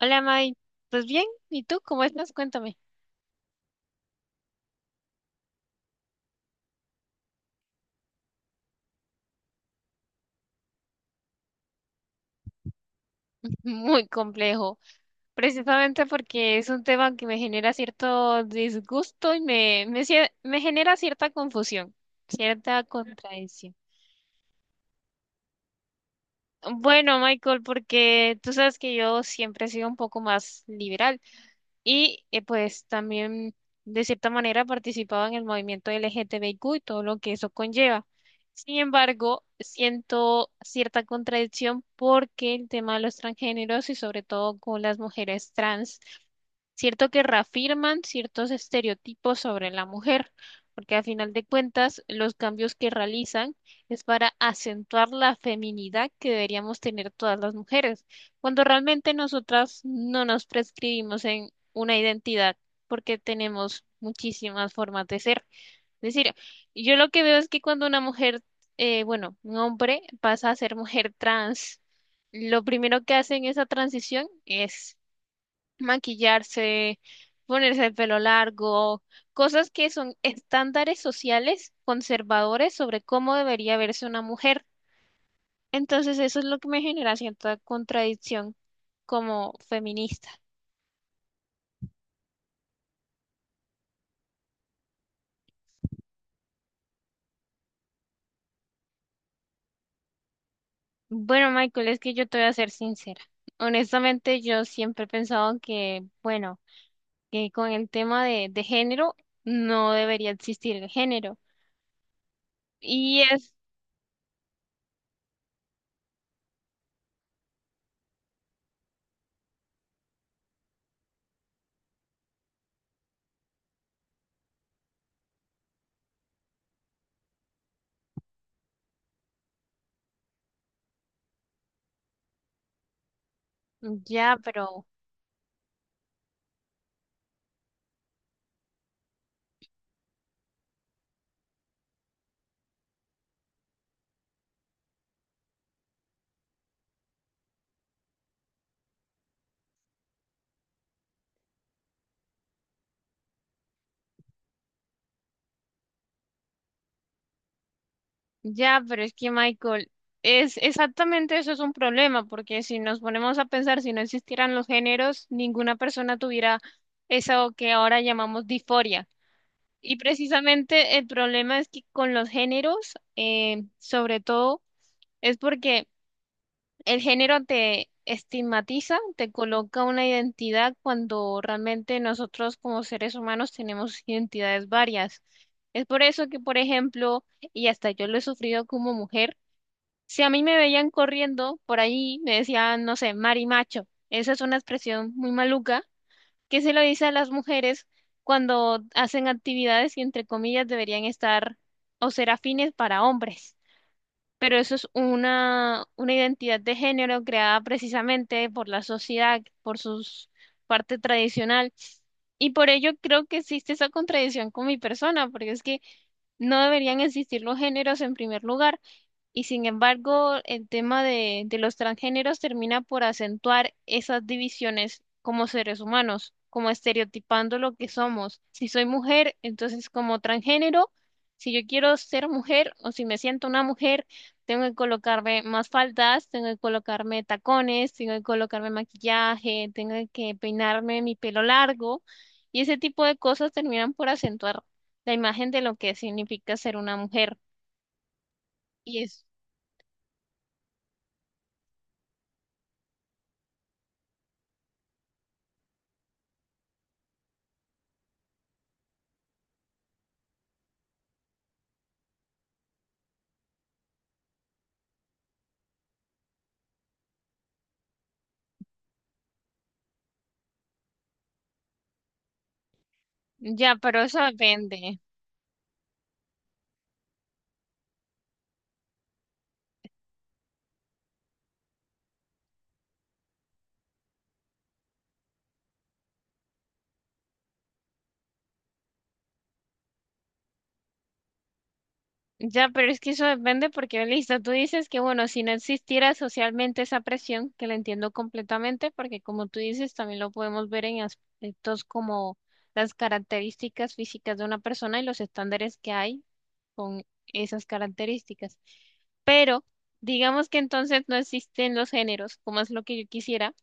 Hola, May. Pues bien, ¿y tú cómo estás? Cuéntame. Muy complejo, precisamente porque es un tema que me genera cierto disgusto y me genera cierta confusión, cierta contradicción. Bueno, Michael, porque tú sabes que yo siempre he sido un poco más liberal. Y pues también de cierta manera participaba en el movimiento LGTBIQ y todo lo que eso conlleva. Sin embargo, siento cierta contradicción porque el tema de los transgéneros y sobre todo con las mujeres trans, cierto que reafirman ciertos estereotipos sobre la mujer, porque a final de cuentas los cambios que realizan es para acentuar la feminidad que deberíamos tener todas las mujeres, cuando realmente nosotras no nos prescribimos en una identidad porque tenemos muchísimas formas de ser. Es decir, yo lo que veo es que cuando una mujer, bueno, un hombre pasa a ser mujer trans, lo primero que hacen esa transición es maquillarse, ponerse el pelo largo, cosas que son estándares sociales conservadores sobre cómo debería verse una mujer. Entonces eso es lo que me genera cierta contradicción como feminista. Bueno, Michael, es que yo te voy a ser sincera. Honestamente, yo siempre he pensado que, bueno, que con el tema de género no debería existir el género. Y es, ya, pero ya, pero es que Michael, es exactamente eso es un problema, porque si nos ponemos a pensar, si no existieran los géneros, ninguna persona tuviera eso que ahora llamamos disforia. Y precisamente el problema es que con los géneros, sobre todo, es porque el género te estigmatiza, te coloca una identidad cuando realmente nosotros como seres humanos tenemos identidades varias. Es por eso que, por ejemplo, y hasta yo lo he sufrido como mujer, si a mí me veían corriendo por ahí, me decían, no sé, marimacho. Esa es una expresión muy maluca que se lo dice a las mujeres cuando hacen actividades que, entre comillas, deberían estar o ser afines para hombres. Pero eso es una identidad de género creada precisamente por la sociedad, por su parte tradicional. Y por ello creo que existe esa contradicción con mi persona, porque es que no deberían existir los géneros en primer lugar y sin embargo, el tema de los transgéneros termina por acentuar esas divisiones como seres humanos, como estereotipando lo que somos. Si soy mujer, entonces como transgénero, si yo quiero ser mujer o si me siento una mujer, tengo que colocarme más faldas, tengo que colocarme tacones, tengo que colocarme maquillaje, tengo que peinarme mi pelo largo. Y ese tipo de cosas terminan por acentuar la imagen de lo que significa ser una mujer. Y es ya, pero eso depende. Ya, pero es que eso depende porque, listo, tú dices que, bueno, si no existiera socialmente esa presión, que la entiendo completamente, porque como tú dices, también lo podemos ver en aspectos como las características físicas de una persona y los estándares que hay con esas características. Pero digamos que entonces no existen los géneros, como es lo que yo quisiera.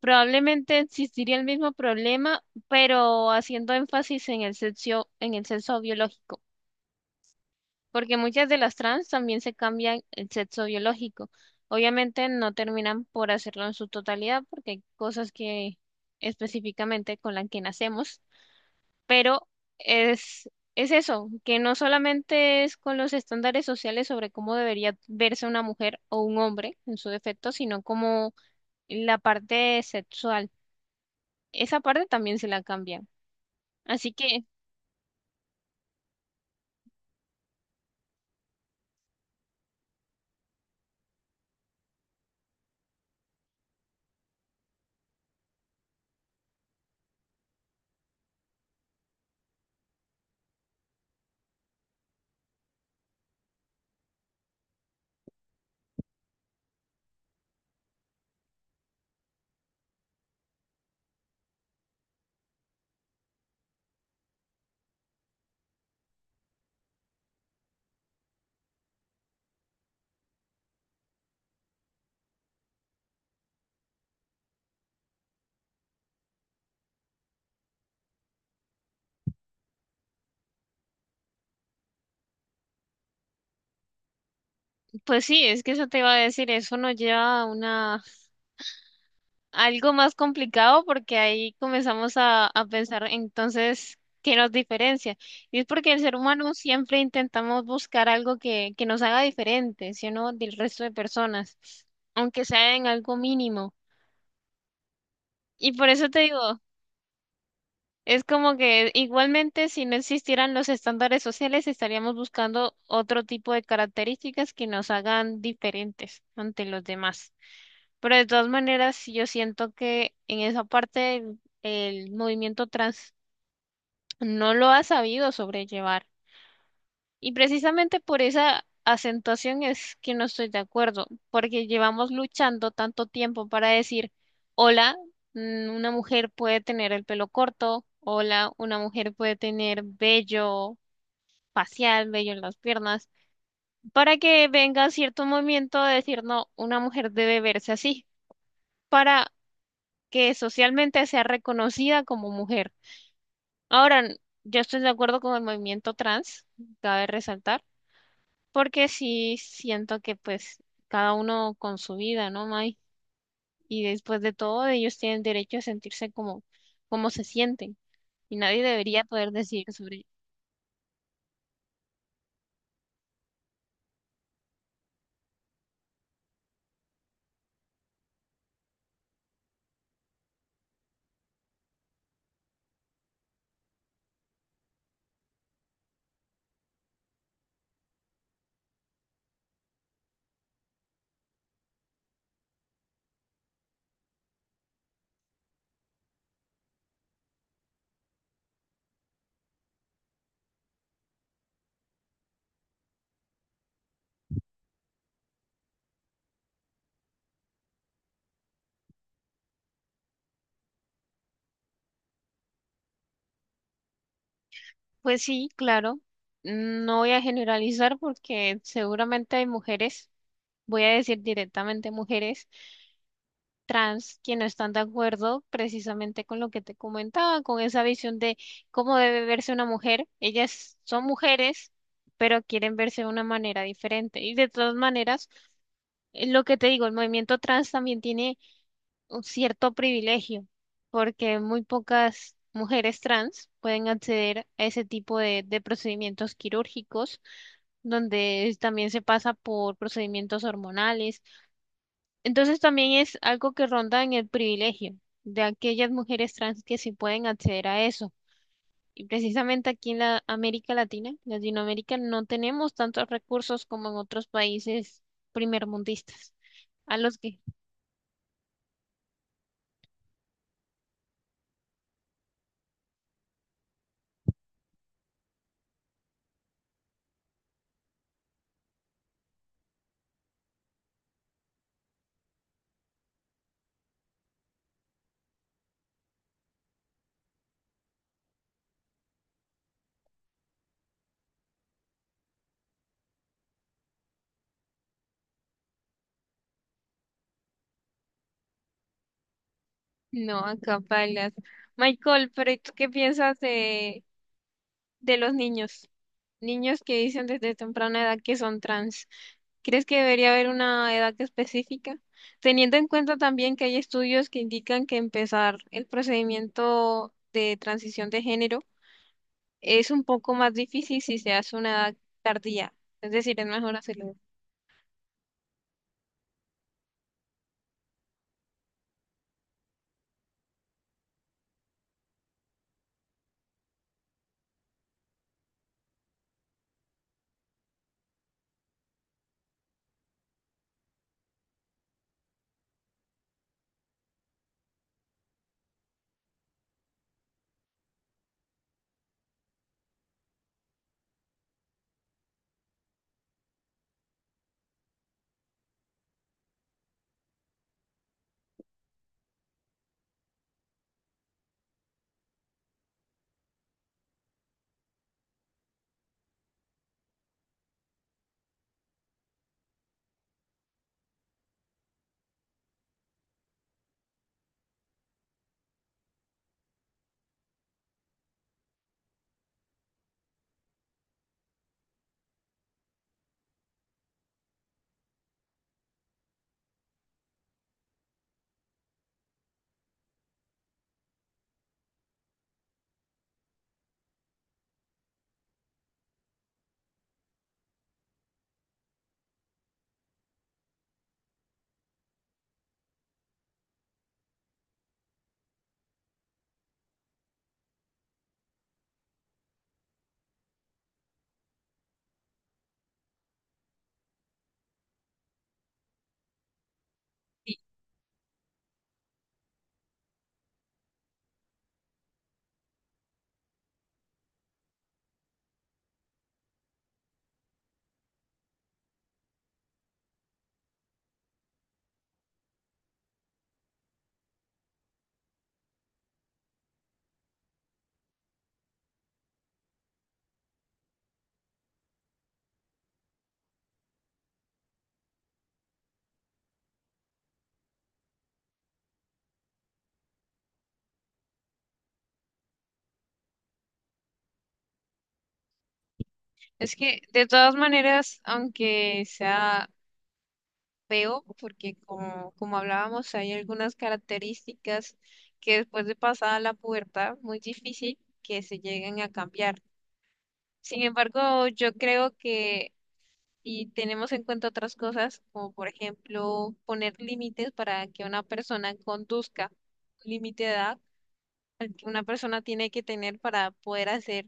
Probablemente existiría el mismo problema, pero haciendo énfasis en el sexo biológico, porque muchas de las trans también se cambian el sexo biológico. Obviamente no terminan por hacerlo en su totalidad porque hay cosas que específicamente con las que nacemos, pero es, es eso, que no solamente es con los estándares sociales sobre cómo debería verse una mujer o un hombre en su defecto, sino como la parte sexual. Esa parte también se la cambian. Así que, pues sí, es que eso te iba a decir, eso nos lleva a una, algo más complicado porque ahí comenzamos a pensar entonces qué nos diferencia. Y es porque el ser humano siempre intentamos buscar algo que nos haga diferente, ¿sí o no? Del resto de personas, aunque sea en algo mínimo. Y por eso te digo, es como que igualmente si no existieran los estándares sociales, estaríamos buscando otro tipo de características que nos hagan diferentes ante los demás. Pero de todas maneras, sí, yo siento que en esa parte el movimiento trans no lo ha sabido sobrellevar. Y precisamente por esa acentuación es que no estoy de acuerdo, porque llevamos luchando tanto tiempo para decir, hola, una mujer puede tener el pelo corto, hola, una mujer puede tener vello facial, vello en las piernas, para que venga cierto movimiento de decir, no, una mujer debe verse así, para que socialmente sea reconocida como mujer. Ahora, yo estoy de acuerdo con el movimiento trans, cabe resaltar, porque sí siento que pues cada uno con su vida, ¿no, May? Y después de todo, ellos tienen derecho a sentirse como, como se sienten y nadie debería poder decir sobre ello. Pues sí, claro, no voy a generalizar porque seguramente hay mujeres, voy a decir directamente mujeres trans que no están de acuerdo precisamente con lo que te comentaba, con esa visión de cómo debe verse una mujer. Ellas son mujeres, pero quieren verse de una manera diferente. Y de todas maneras, lo que te digo, el movimiento trans también tiene un cierto privilegio, porque muy pocas mujeres trans pueden acceder a ese tipo de procedimientos quirúrgicos, donde también se pasa por procedimientos hormonales, entonces también es algo que ronda en el privilegio de aquellas mujeres trans que sí pueden acceder a eso. Y precisamente aquí en la América Latina, Latinoamérica, no tenemos tantos recursos como en otros países primermundistas. A los que... No, acá bailas. Michael, pero ¿y tú qué piensas de? De los niños, niños que dicen desde temprana edad que son trans. ¿Crees que debería haber una edad específica? Teniendo en cuenta también que hay estudios que indican que empezar el procedimiento de transición de género es un poco más difícil si se hace a una edad tardía, es decir, es mejor hacerlo. Es que de todas maneras, aunque sea feo porque como, como hablábamos, hay algunas características que después de pasada la pubertad, muy difícil que se lleguen a cambiar. Sin embargo, yo creo que si tenemos en cuenta otras cosas, como por ejemplo poner límites para que una persona conduzca, un límite de edad al que una persona tiene que tener para poder hacer,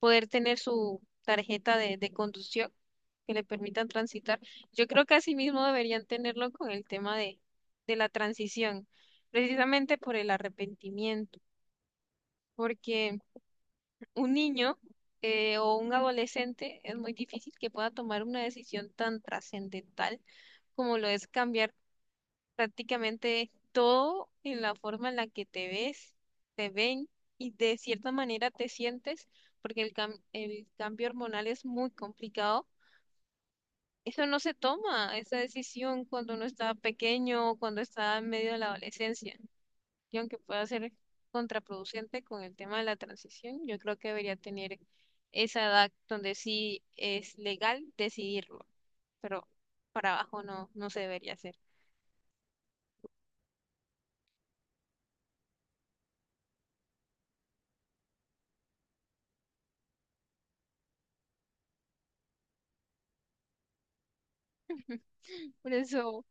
poder tener su tarjeta de conducción que le permitan transitar. Yo creo que así mismo deberían tenerlo con el tema de la transición, precisamente por el arrepentimiento, porque un niño o un adolescente es muy difícil que pueda tomar una decisión tan trascendental como lo es cambiar prácticamente todo en la forma en la que te ves, te ven y de cierta manera te sientes, porque el el cambio hormonal es muy complicado. Eso no se toma, esa decisión cuando uno está pequeño o cuando está en medio de la adolescencia. Y aunque pueda ser contraproducente con el tema de la transición, yo creo que debería tener esa edad donde sí es legal decidirlo, pero para abajo no, no se debería hacer. Por eso,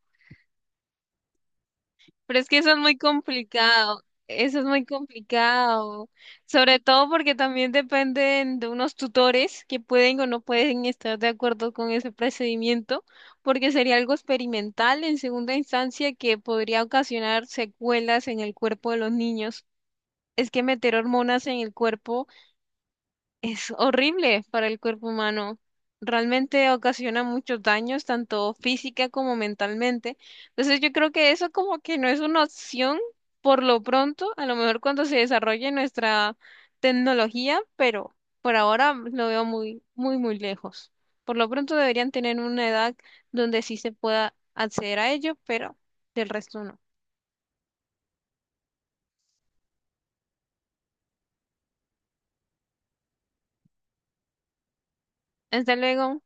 pero es que eso es muy complicado, eso es muy complicado, sobre todo porque también dependen de unos tutores que pueden o no pueden estar de acuerdo con ese procedimiento, porque sería algo experimental en segunda instancia que podría ocasionar secuelas en el cuerpo de los niños. Es que meter hormonas en el cuerpo es horrible para el cuerpo humano. Realmente ocasiona muchos daños, tanto física como mentalmente. Entonces yo creo que eso como que no es una opción por lo pronto, a lo mejor cuando se desarrolle nuestra tecnología, pero por ahora lo veo muy, muy, muy lejos. Por lo pronto deberían tener una edad donde sí se pueda acceder a ello, pero del resto no. Hasta luego.